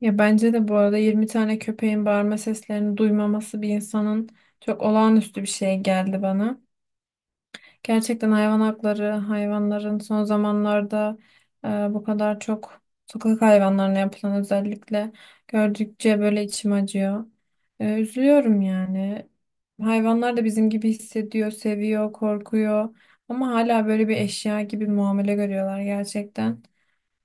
Ya bence de bu arada 20 tane köpeğin bağırma seslerini duymaması bir insanın çok olağanüstü bir şey geldi bana. Gerçekten hayvan hakları, hayvanların son zamanlarda e, bu kadar çok sokak hayvanlarına yapılan özellikle gördükçe böyle içim acıyor. Üzülüyorum yani. Hayvanlar da bizim gibi hissediyor, seviyor, korkuyor ama hala böyle bir eşya gibi muamele görüyorlar gerçekten.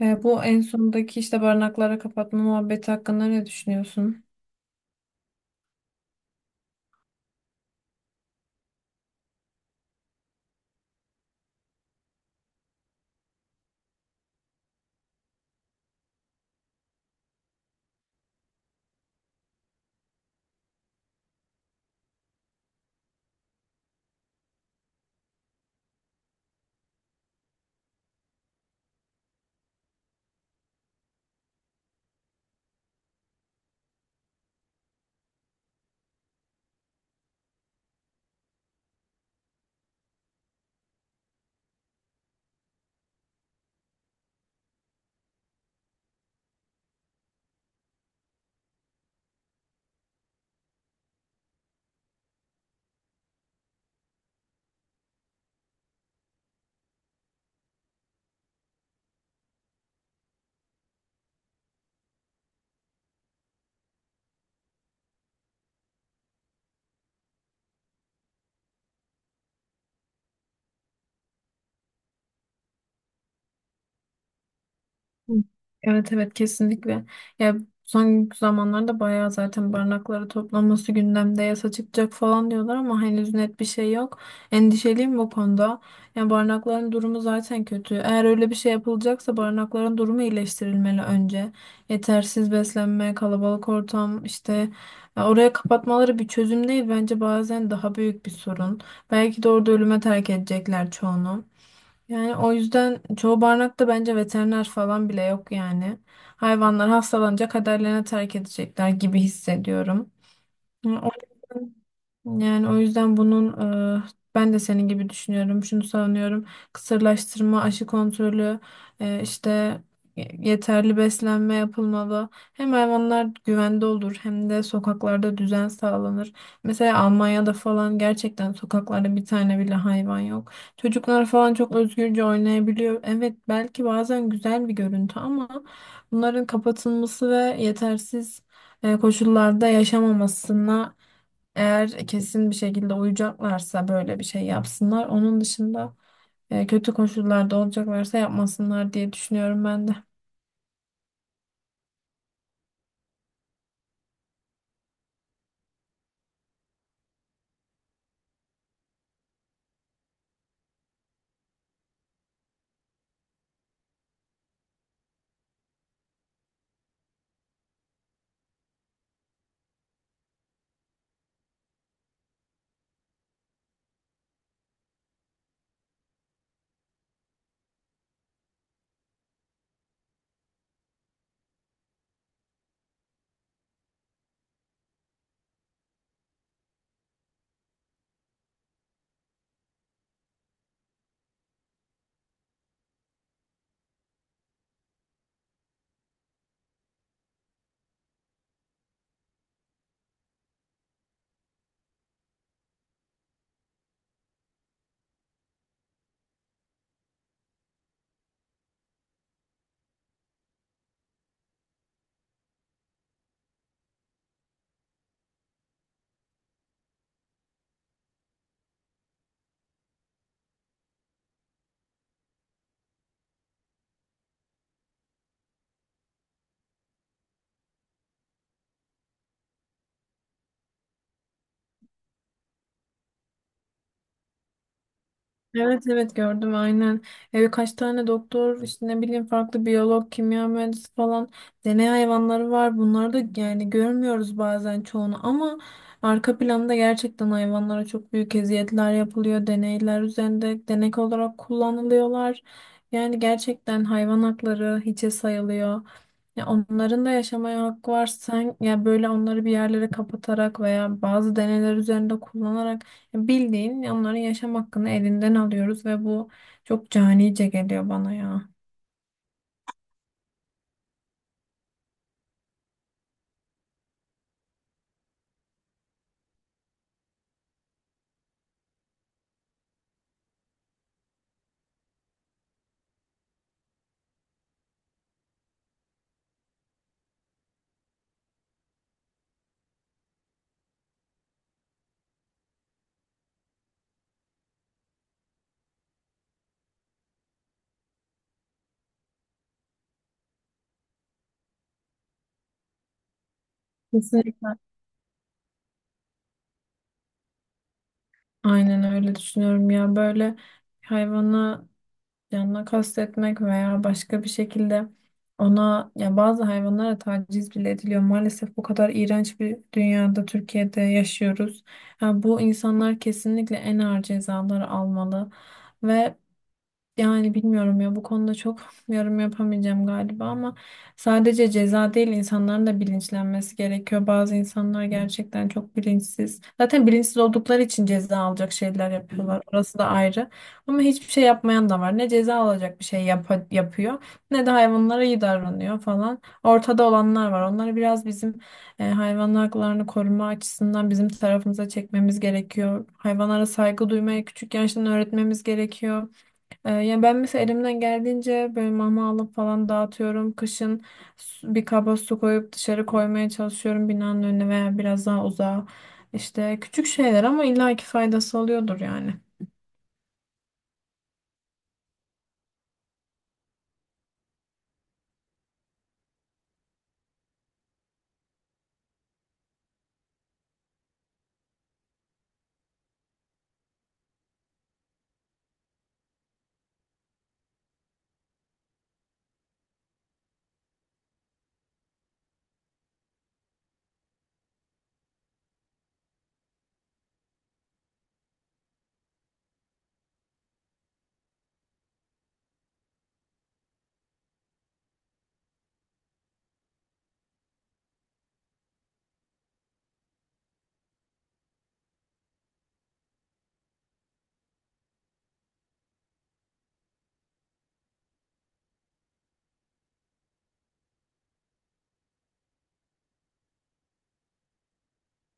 Bu en sondaki işte barınaklara kapatma muhabbeti hakkında ne düşünüyorsun? Hı. Evet, evet, kesinlikle. Ya son zamanlarda bayağı zaten barınakları toplanması gündemde yasa çıkacak falan diyorlar ama henüz net bir şey yok. Endişeliyim bu konuda. Yani barınakların durumu zaten kötü. Eğer öyle bir şey yapılacaksa barınakların durumu iyileştirilmeli önce. Yetersiz beslenme, kalabalık ortam işte ya oraya kapatmaları bir çözüm değil bence, bazen daha büyük bir sorun. Belki de orada ölüme terk edecekler çoğunu. Yani o yüzden çoğu barınakta bence veteriner falan bile yok yani. Hayvanlar hastalanınca kaderlerine terk edecekler gibi hissediyorum. Yani o- Yani o yüzden e, ben de senin gibi düşünüyorum. Şunu savunuyorum. Kısırlaştırma, aşı kontrolü, işte yeterli beslenme yapılmalı. Hem hayvanlar güvende olur hem de sokaklarda düzen sağlanır. Mesela Almanya'da falan gerçekten sokaklarda bir tane bile hayvan yok. Çocuklar falan çok özgürce oynayabiliyor. Evet, belki bazen güzel bir görüntü ama bunların kapatılması ve yetersiz koşullarda yaşamamasına eğer kesin bir şekilde uyacaklarsa böyle bir şey yapsınlar. Onun dışında kötü koşullarda olacaklarsa yapmasınlar diye düşünüyorum ben de. Evet, evet, gördüm aynen. Kaç tane doktor işte ne bileyim farklı biyolog, kimya mühendisi falan deney hayvanları var. Bunları da yani görmüyoruz bazen çoğunu ama arka planda gerçekten hayvanlara çok büyük eziyetler yapılıyor. Deneyler üzerinde denek olarak kullanılıyorlar. Yani gerçekten hayvan hakları hiçe sayılıyor. Ya onların da yaşamaya hakkı var. Sen ya böyle onları bir yerlere kapatarak veya bazı deneyler üzerinde kullanarak bildiğin onların yaşam hakkını elinden alıyoruz ve bu çok canice geliyor bana ya. Kesinlikle. Aynen öyle düşünüyorum ya. Böyle hayvanı canına kastetmek veya başka bir şekilde ona, ya bazı hayvanlara taciz bile ediliyor. Maalesef bu kadar iğrenç bir dünyada, Türkiye'de yaşıyoruz. Ha, bu insanlar kesinlikle en ağır cezaları almalı ve yani bilmiyorum ya bu konuda çok yorum yapamayacağım galiba ama sadece ceza değil insanların da bilinçlenmesi gerekiyor. Bazı insanlar gerçekten çok bilinçsiz. Zaten bilinçsiz oldukları için ceza alacak şeyler yapıyorlar. Orası da ayrı. Ama hiçbir şey yapmayan da var. Ne ceza alacak bir şey yapıyor ne de hayvanlara iyi davranıyor falan. Ortada olanlar var. Onları biraz bizim hayvan haklarını koruma açısından bizim tarafımıza çekmemiz gerekiyor. Hayvanlara saygı duymaya küçük yaştan öğretmemiz gerekiyor. Yani ben mesela elimden geldiğince böyle mama alıp falan dağıtıyorum. Kışın bir kaba su koyup dışarı koymaya çalışıyorum binanın önüne veya biraz daha uzağa. İşte küçük şeyler ama illaki faydası oluyordur yani.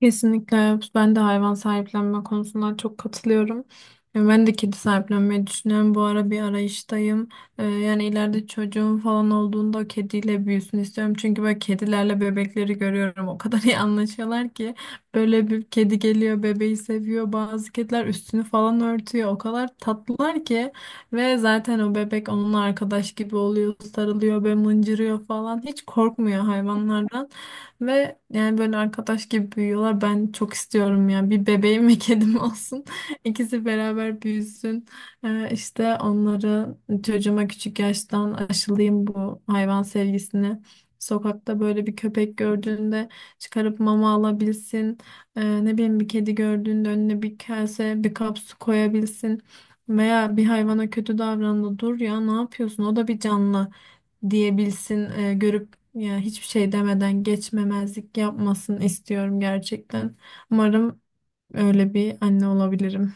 Kesinlikle, evet. Ben de hayvan sahiplenme konusunda çok katılıyorum. Ben de kedi sahiplenmeyi düşünüyorum. Bu ara bir arayıştayım. Yani ileride çocuğum falan olduğunda o kediyle büyüsün istiyorum. Çünkü böyle kedilerle bebekleri görüyorum. O kadar iyi anlaşıyorlar ki. Böyle bir kedi geliyor, bebeği seviyor. Bazı kediler üstünü falan örtüyor. O kadar tatlılar ki. Ve zaten o bebek onunla arkadaş gibi oluyor. Sarılıyor ve mıncırıyor falan. Hiç korkmuyor hayvanlardan. Ve yani böyle arkadaş gibi büyüyorlar. Ben çok istiyorum yani. Bir bebeğim ve kedim olsun. İkisi beraber büyüsün. İşte onları, çocuğuma küçük yaştan aşılayayım bu hayvan sevgisini. Sokakta böyle bir köpek gördüğünde çıkarıp mama alabilsin. Ne bileyim bir kedi gördüğünde önüne bir kase, bir kap su koyabilsin. Veya bir hayvana kötü davrandı. Dur ya, ne yapıyorsun? O da bir canlı diyebilsin, görüp ya hiçbir şey demeden geçmemezlik yapmasın istiyorum gerçekten. Umarım öyle bir anne olabilirim.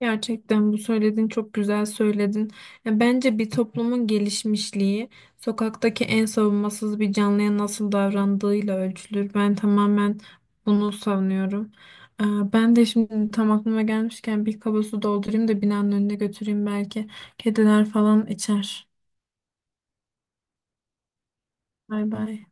Gerçekten bu söylediğin, çok güzel söyledin. Ya bence bir toplumun gelişmişliği sokaktaki en savunmasız bir canlıya nasıl davrandığıyla ölçülür. Ben tamamen bunu savunuyorum. Ee, Ben de şimdi tam aklıma gelmişken bir kaba su doldurayım da binanın önüne götüreyim belki. Kediler falan içer. Bay bay.